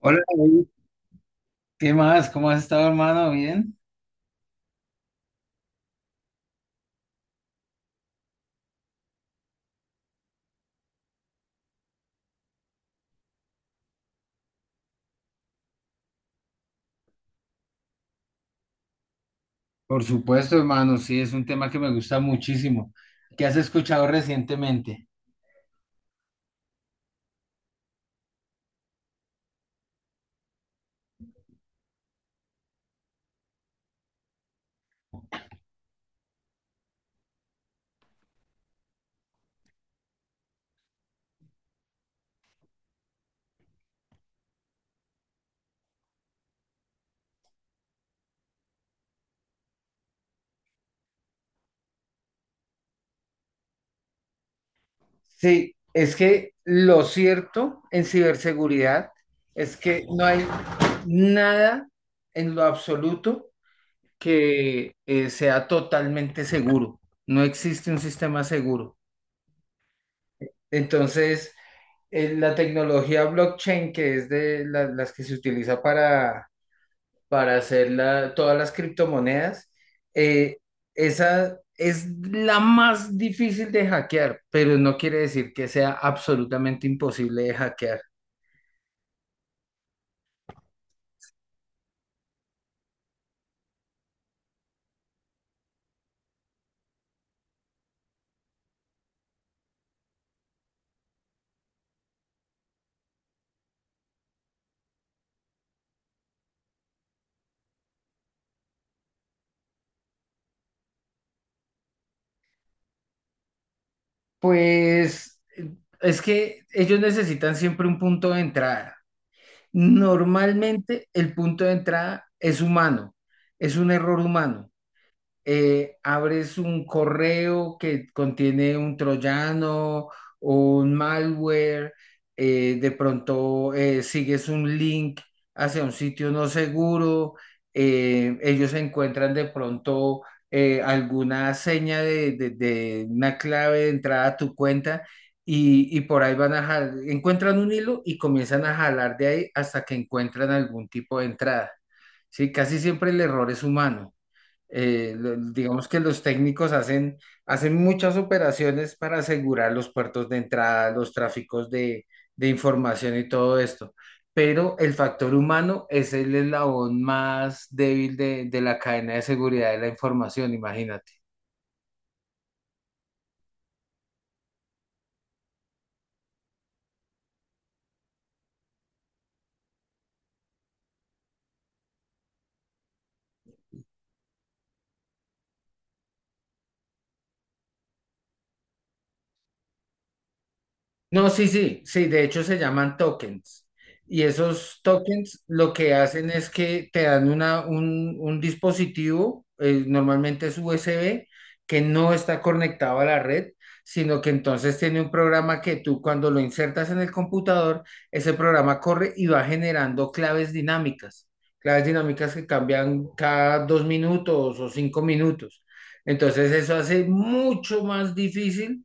Hola, David. ¿Qué más? ¿Cómo has estado, hermano? ¿Bien? Por supuesto, hermano, sí, es un tema que me gusta muchísimo. ¿Qué has escuchado recientemente? Sí, es que lo cierto en ciberseguridad es que no hay nada en lo absoluto que sea totalmente seguro. No existe un sistema seguro. Entonces, la tecnología blockchain, que es de las que se utiliza para hacer todas las criptomonedas, eh, esa es la más difícil de hackear, pero no quiere decir que sea absolutamente imposible de hackear. Pues es que ellos necesitan siempre un punto de entrada. Normalmente el punto de entrada es humano, es un error humano. Abres un correo que contiene un troyano o un malware, de pronto sigues un link hacia un sitio no seguro, ellos encuentran de pronto alguna seña de, de una clave de entrada a tu cuenta. Y por ahí van a jalar, encuentran un hilo y comienzan a jalar de ahí hasta que encuentran algún tipo de entrada. Sí, casi siempre el error es humano. Digamos que los técnicos hacen, hacen muchas operaciones para asegurar los puertos de entrada, los tráficos de información y todo esto. Pero el factor humano es el eslabón más débil de la cadena de seguridad de la información, imagínate. No, sí, sí, sí, de hecho se llaman tokens. Y esos tokens lo que hacen es que te dan una, un dispositivo, normalmente es USB, que no está conectado a la red, sino que entonces tiene un programa que tú cuando lo insertas en el computador, ese programa corre y va generando claves dinámicas que cambian cada dos minutos o cinco minutos. Entonces eso hace mucho más difícil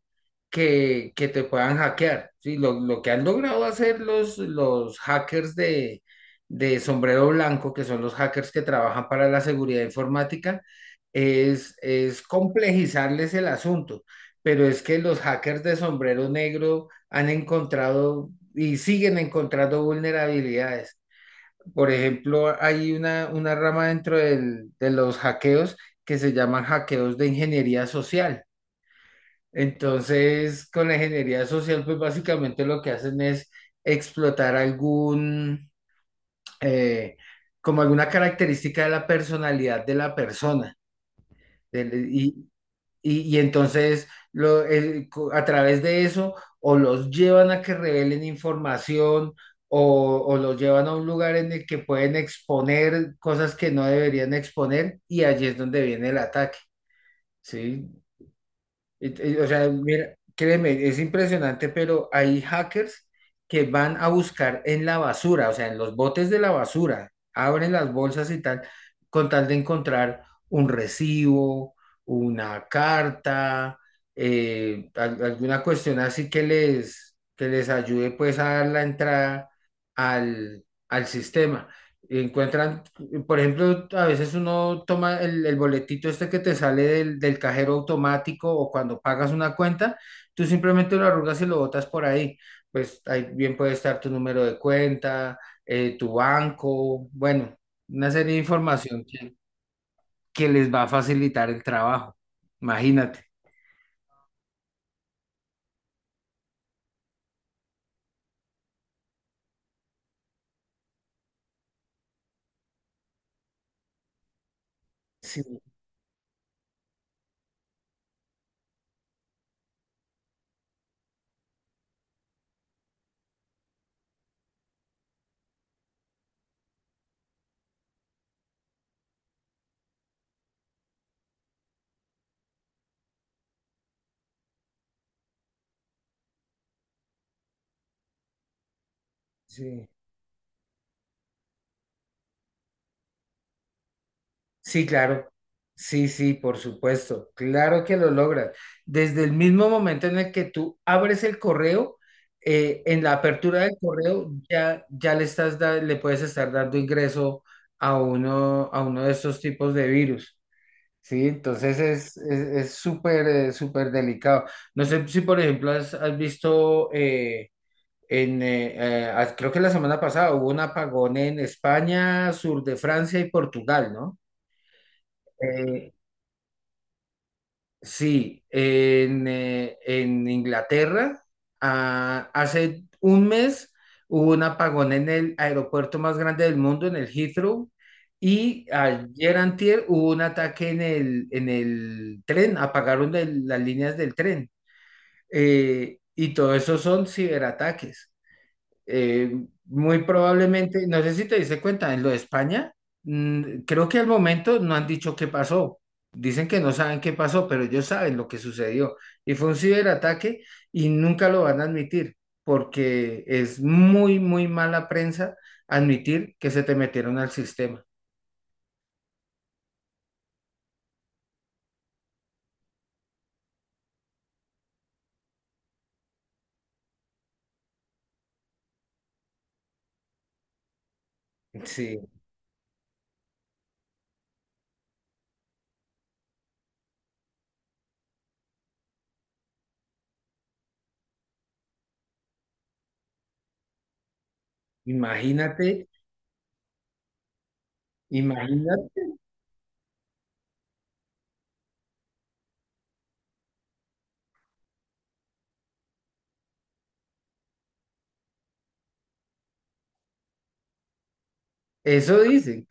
que te puedan hackear. ¿Sí? Lo que han logrado hacer los hackers de sombrero blanco, que son los hackers que trabajan para la seguridad informática, es complejizarles el asunto. Pero es que los hackers de sombrero negro han encontrado y siguen encontrando vulnerabilidades. Por ejemplo, hay una rama dentro de los hackeos que se llaman hackeos de ingeniería social. Entonces, con la ingeniería social, pues básicamente lo que hacen es explotar algún, eh, como alguna característica de la personalidad de la persona. del- y, y entonces, a través de eso, o los llevan a que revelen información o los llevan a un lugar en el que pueden exponer cosas que no deberían exponer y allí es donde viene el ataque, ¿sí? O sea, mira, créeme, es impresionante, pero hay hackers que van a buscar en la basura, o sea, en los botes de la basura, abren las bolsas y tal, con tal de encontrar un recibo, una carta, alguna cuestión así que les ayude pues a dar la entrada al, al sistema. Encuentran, por ejemplo, a veces uno toma el boletito este que te sale del, del cajero automático o cuando pagas una cuenta, tú simplemente lo arrugas y lo botas por ahí. Pues ahí bien puede estar tu número de cuenta, tu banco, bueno, una serie de información que les va a facilitar el trabajo. Imagínate. Sí, sí. Sí, claro. Sí, sí, por supuesto. Claro que lo logras. Desde el mismo momento en el que tú abres el correo, en la apertura del correo ya, ya le le puedes estar dando ingreso a uno de estos tipos de virus. Entonces es súper, súper delicado. No sé si, por ejemplo, has, has visto, creo que la semana pasada hubo un apagón en España, sur de Francia y Portugal, ¿no? Eh, Sí, en Inglaterra, hace un mes hubo un apagón en el aeropuerto más grande del mundo, en el Heathrow, y ayer antier hubo un ataque en el tren, apagaron las líneas del tren. Y todo eso son ciberataques. Eh, Muy probablemente, no sé si te diste cuenta, en lo de España, creo que al momento no han dicho qué pasó. Dicen que no saben qué pasó, pero ellos saben lo que sucedió. Y fue un ciberataque y nunca lo van a admitir, porque es muy, muy mala prensa admitir que se te metieron al sistema. Sí, imagínate, imagínate. Eso dicen.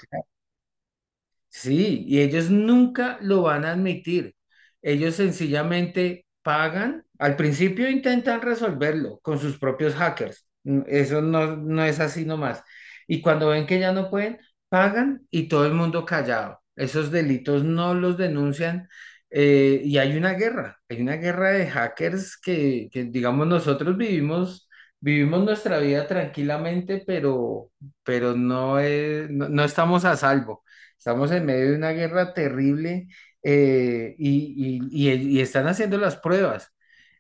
Sí, y ellos nunca lo van a admitir. Ellos sencillamente pagan. Al principio intentan resolverlo con sus propios hackers. Mm. Eso no, no es así nomás. Y cuando ven que ya no pueden, pagan y todo el mundo callado. Esos delitos no los denuncian. Y hay una guerra de hackers que digamos, nosotros vivimos, vivimos nuestra vida tranquilamente, pero no, no, no estamos a salvo. Estamos en medio de una guerra terrible. Y están haciendo las pruebas.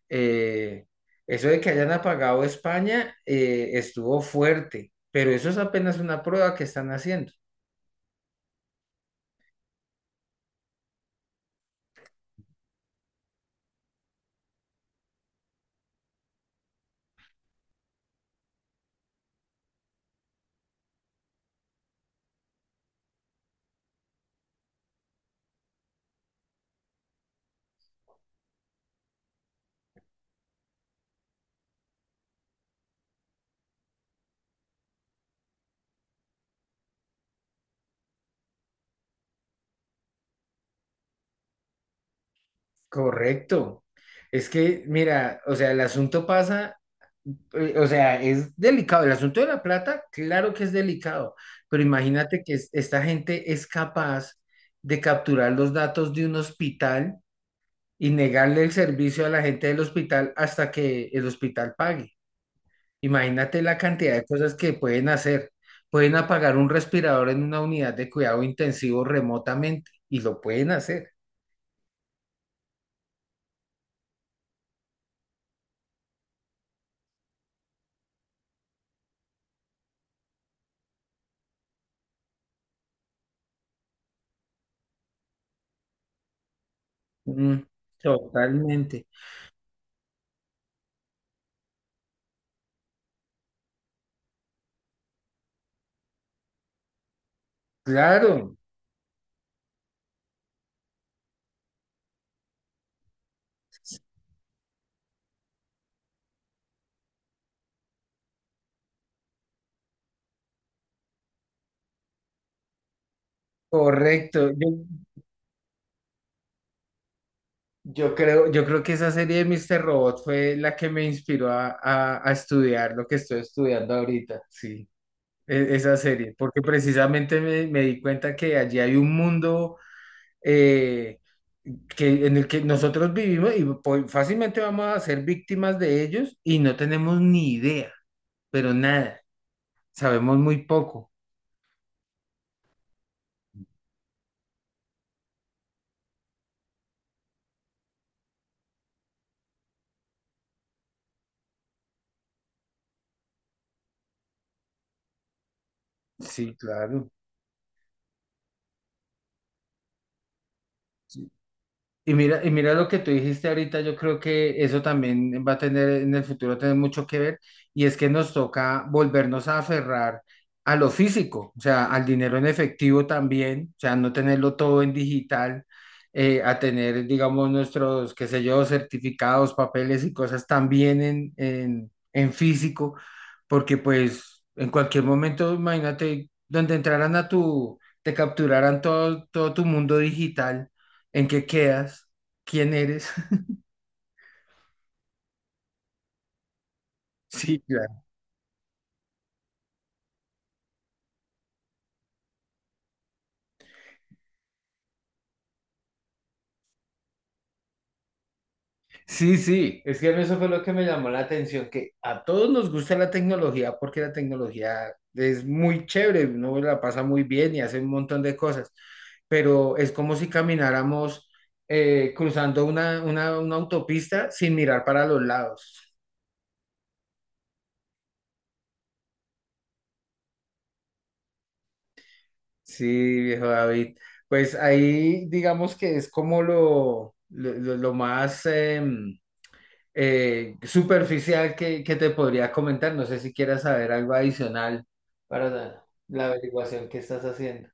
Eh, Eso de que hayan apagado España estuvo fuerte, pero eso es apenas una prueba que están haciendo. Correcto. Es que, mira, o sea, el asunto pasa, o sea, es delicado. El asunto de la plata, claro que es delicado, pero imagínate que esta gente es capaz de capturar los datos de un hospital y negarle el servicio a la gente del hospital hasta que el hospital pague. Imagínate la cantidad de cosas que pueden hacer. Pueden apagar un respirador en una unidad de cuidado intensivo remotamente y lo pueden hacer. Mm, totalmente. Claro, correcto. Yo creo que esa serie de Mr. Robot fue la que me inspiró a, a estudiar lo que estoy estudiando ahorita. Sí, esa serie, porque precisamente me, me di cuenta que allí hay un mundo. eh, que, en el que nosotros vivimos y fácilmente vamos a ser víctimas de ellos y no tenemos ni idea, pero nada, sabemos muy poco. Sí, claro. Y mira lo que tú dijiste ahorita, yo creo que eso también va a tener en el futuro tener mucho que ver, y es que nos toca volvernos a aferrar a lo físico, o sea, al dinero en efectivo también, o sea, no tenerlo todo en digital, a tener, digamos, nuestros, qué sé yo, certificados, papeles y cosas también en físico, porque pues en cualquier momento, imagínate, donde entraran a tu, te capturaran todo, todo tu mundo digital, en qué quedas, quién eres. Sí, claro. Sí, sí, es que a mí eso fue lo que me llamó la atención, que a todos nos gusta la tecnología porque la tecnología es muy chévere, uno la pasa muy bien y hace un montón de cosas, pero es como si camináramos cruzando una autopista sin mirar para los lados. Sí, viejo David, pues ahí digamos que es como lo más... superficial que te podría comentar. No sé si quieras saber algo adicional para la, la averiguación que estás haciendo.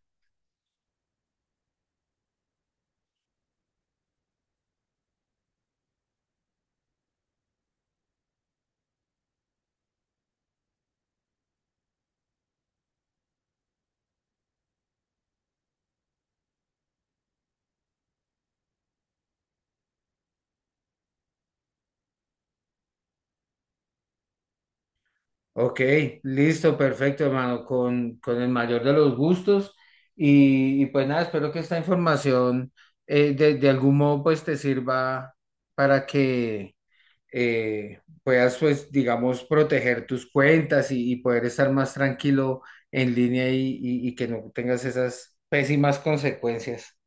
Ok, listo, perfecto, hermano, con el mayor de los gustos. Y pues nada, espero que esta información de algún modo pues te sirva para que puedas pues digamos proteger tus cuentas y poder estar más tranquilo en línea y que no tengas esas pésimas consecuencias.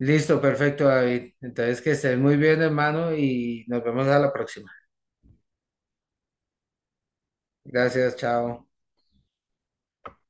Listo, perfecto, David. Entonces, que estés muy bien, hermano, y nos vemos a la próxima. Gracias, chao.